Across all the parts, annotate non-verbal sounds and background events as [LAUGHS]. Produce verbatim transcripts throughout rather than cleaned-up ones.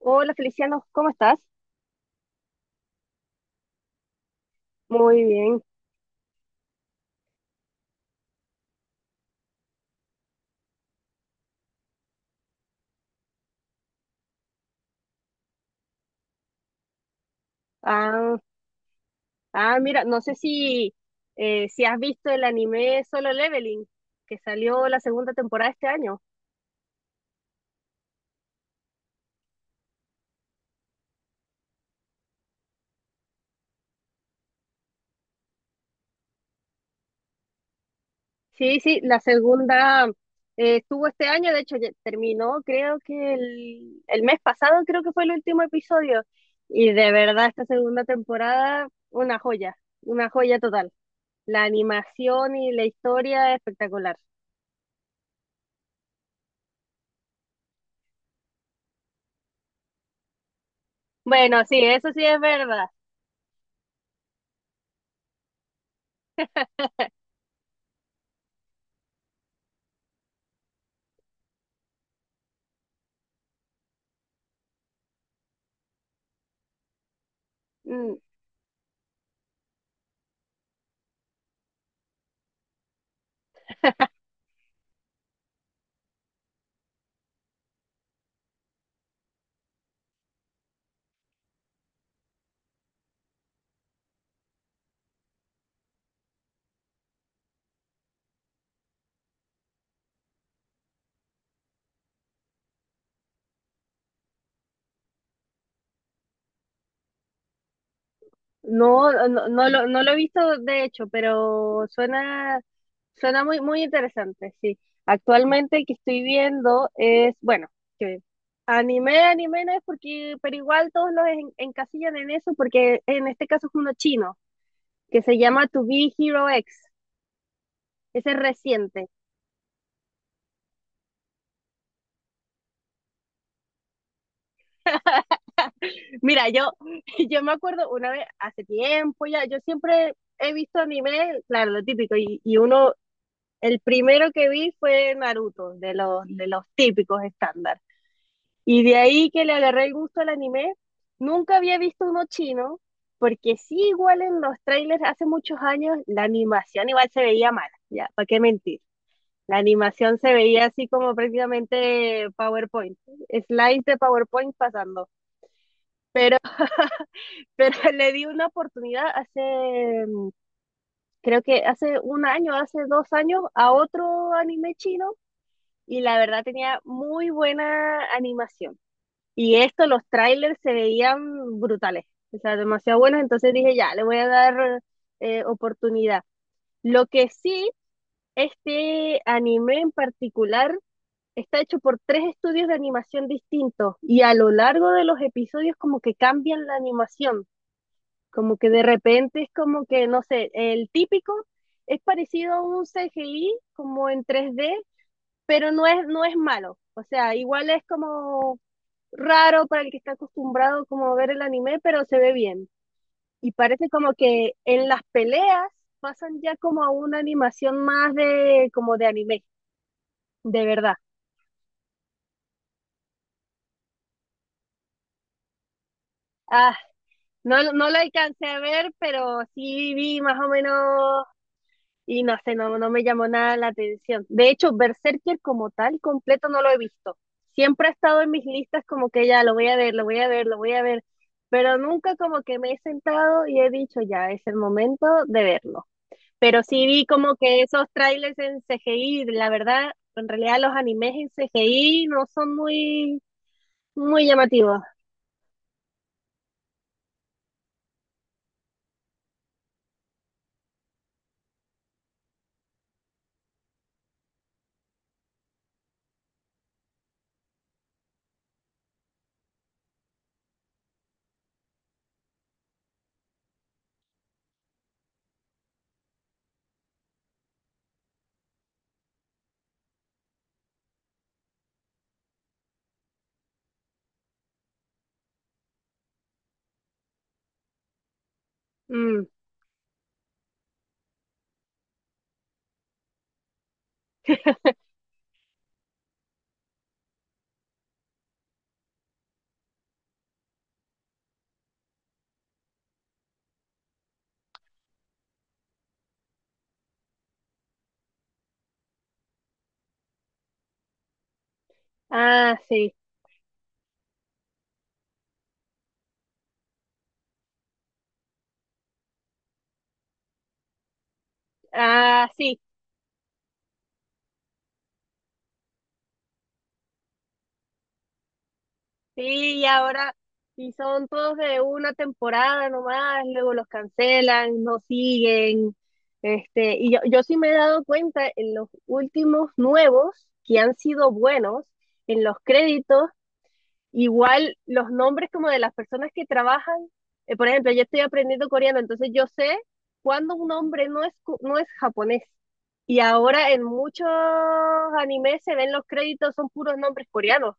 Hola Feliciano, ¿cómo estás? Muy bien. Ah, ah, mira, no sé si, eh, si has visto el anime Solo Leveling, que salió la segunda temporada este año. Sí, sí, la segunda eh, estuvo este año, de hecho ya terminó, creo que el, el mes pasado creo que fue el último episodio. Y de verdad esta segunda temporada, una joya, una joya total. La animación y la historia espectacular. Bueno, sí, eso sí es verdad. Mm. No, eh, no, no lo, no lo he visto de hecho, pero suena, suena muy, muy interesante, sí. Actualmente el que estoy viendo es, bueno, que anime, anime no es porque, pero igual todos los en- encasillan en eso, porque en este caso es uno chino, que se llama To Be Hero X. Ese es reciente. Mira, yo, [LAUGHS] yo me acuerdo una vez, hace tiempo ya, yo siempre he visto anime, claro, lo típico, y, y uno El primero que vi fue Naruto, de los, de los típicos estándar. Y de ahí que le agarré el gusto al anime, nunca había visto uno chino, porque sí, igual en los trailers hace muchos años, la animación igual se veía mala, ya, ¿para qué mentir? La animación se veía así como prácticamente PowerPoint, slides de PowerPoint pasando. Pero, pero [LAUGHS] le di una oportunidad hace, mm, creo que hace un año, hace dos años, a otro anime chino y la verdad tenía muy buena animación. Y esto, los trailers se veían brutales, o sea, demasiado buenos, entonces dije, ya, le voy a dar eh, oportunidad. Lo que sí, este anime en particular está hecho por tres estudios de animación distintos y a lo largo de los episodios como que cambian la animación, como que de repente es como que, no sé, el típico es parecido a un C G I como en tres d pero no es, no es malo. O sea, igual es como raro para el que está acostumbrado como a ver el anime, pero se ve bien. Y parece como que en las peleas pasan ya como a una animación más de como de anime, de verdad. Ah, no, no lo alcancé a ver, pero sí vi más o menos Y no sé, no, no me llamó nada la atención. De hecho, Berserker como tal, completo no lo he visto. Siempre ha estado en mis listas como que ya lo voy a ver, lo voy a ver, lo voy a ver, pero nunca como que me he sentado y he dicho ya, es el momento de verlo. Pero sí vi como que esos trailers en C G I, la verdad, en realidad los animes en C G I no son muy, muy llamativos. Mm. Ah, sí. Ah, sí. Sí, y ahora, y son todos de una temporada nomás, luego los cancelan, no siguen. Este, y yo, yo sí me he dado cuenta en los últimos nuevos que han sido buenos, en los créditos, igual los nombres como de las personas que trabajan. Eh, por ejemplo, yo estoy aprendiendo coreano, entonces yo sé cuándo un nombre no es, cu- no es japonés. Y ahora en muchos animes se ven los créditos, son puros nombres coreanos.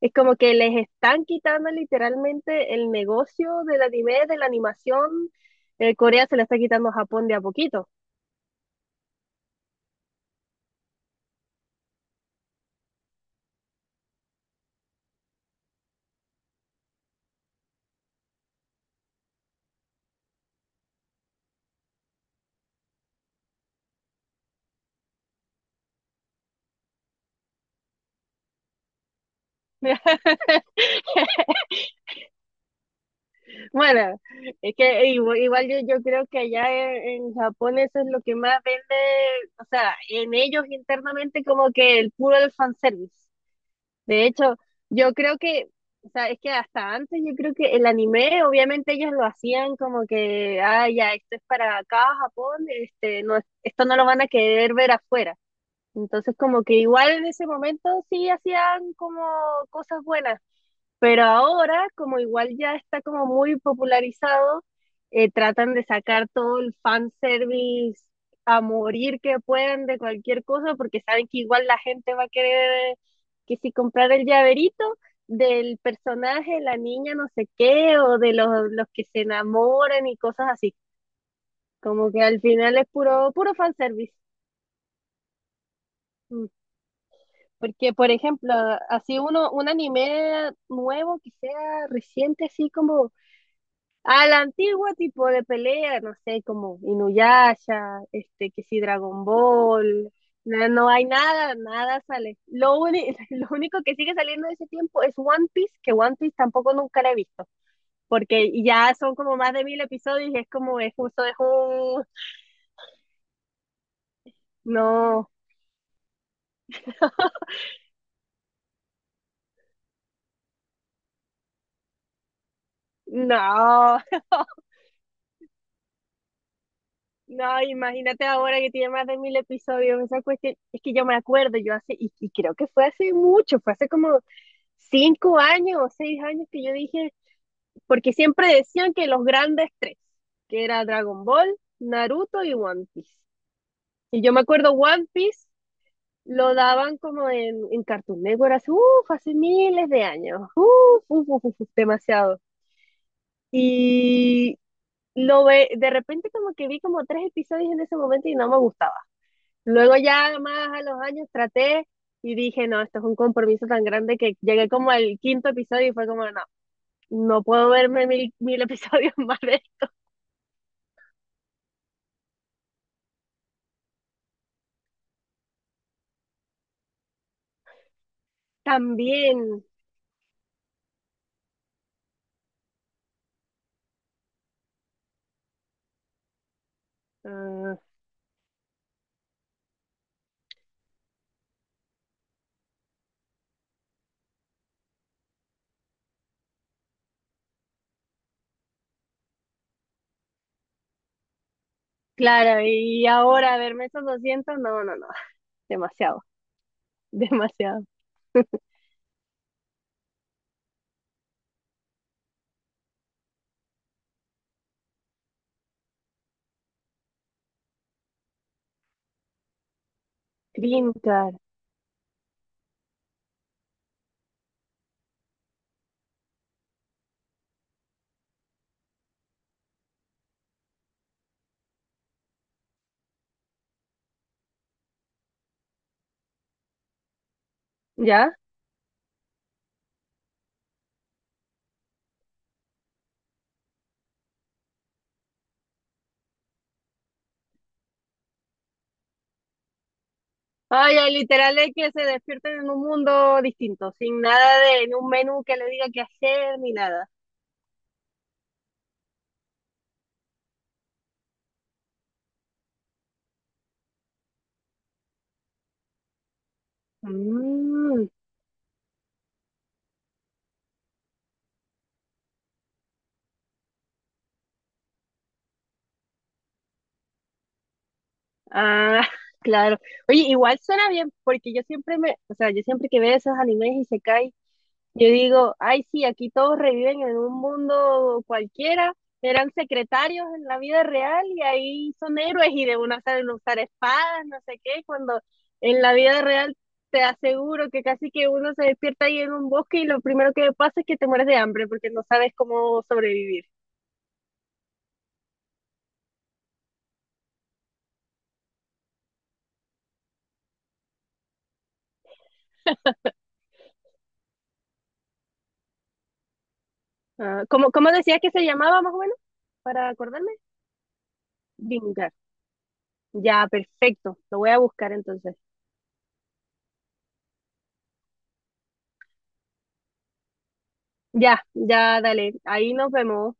Es como que les están quitando literalmente el negocio del anime, de la animación. Eh, Corea se la está quitando a Japón de a poquito. [LAUGHS] Bueno, es que igu- igual, yo, yo creo que allá en, en Japón eso es lo que más vende, o sea, en ellos internamente como que el puro del fanservice. De hecho, yo creo que, o sea, es que hasta antes yo creo que el anime, obviamente ellos lo hacían como que, ah, ya, esto es para acá, Japón, este, no, esto no lo van a querer ver afuera. Entonces, como que igual en ese momento sí hacían como cosas buenas, pero ahora, como igual ya está como muy popularizado, eh, tratan de sacar todo el fanservice a morir que puedan de cualquier cosa, porque saben que igual la gente va a querer que si comprar el llaverito del personaje, la niña no sé qué, o de los, los que se enamoran y cosas así. Como que al final es puro, puro fanservice. Mm. Porque, por ejemplo, así uno, un anime nuevo que sea reciente, así como a la antigua tipo de pelea, no sé, como Inuyasha, este, que sí, Dragon Ball, no, no hay nada, nada sale. Lo, uni- [LAUGHS] lo único que sigue saliendo de ese tiempo es One Piece, que One Piece tampoco nunca la he visto, porque ya son como más de mil episodios y es como, es justo, es un, no, no. No, imagínate ahora que tiene más de mil episodios. Esa cuestión, es que yo me acuerdo, yo hace, y, y creo que fue hace mucho, fue hace como cinco años o seis años que yo dije, porque siempre decían que los grandes tres, que era Dragon Ball, Naruto y One Piece. Y yo me acuerdo One Piece lo daban como en, en Cartoon Network hace, uf, hace miles de años, uf, uf, uf, uf, uf, demasiado. Y lo ve, de repente como que vi como tres episodios en ese momento y no me gustaba. Luego ya más a los años traté y dije, no, esto es un compromiso tan grande que llegué como al quinto episodio y fue como, no, no puedo verme mil, mil episodios [LAUGHS] más de esto. También, ah, claro, y ahora verme esos doscientos no, no, no, demasiado, [LAUGHS] demasiado. Crincar, ¿ya? Ay, ay, literal es que se despierten en un mundo distinto, sin nada de, en un menú que le diga qué hacer ni nada. Mm. Ah, [LAUGHS] claro. Oye, igual suena bien, porque yo siempre me, o sea, yo siempre que veo esos animes y se cae, yo digo, ay, sí, aquí todos reviven en un mundo cualquiera, eran secretarios en la vida real y ahí son héroes y de una saben usar espadas, no sé qué, cuando en la vida real te aseguro que casi que uno se despierta ahí en un bosque y lo primero que pasa es que te mueres de hambre porque no sabes cómo sobrevivir. Ah, ¿cómo, cómo decías que se llamaba más o menos? Para acordarme. Ya, perfecto. Lo voy a buscar entonces. Ya, ya, dale. Ahí nos vemos.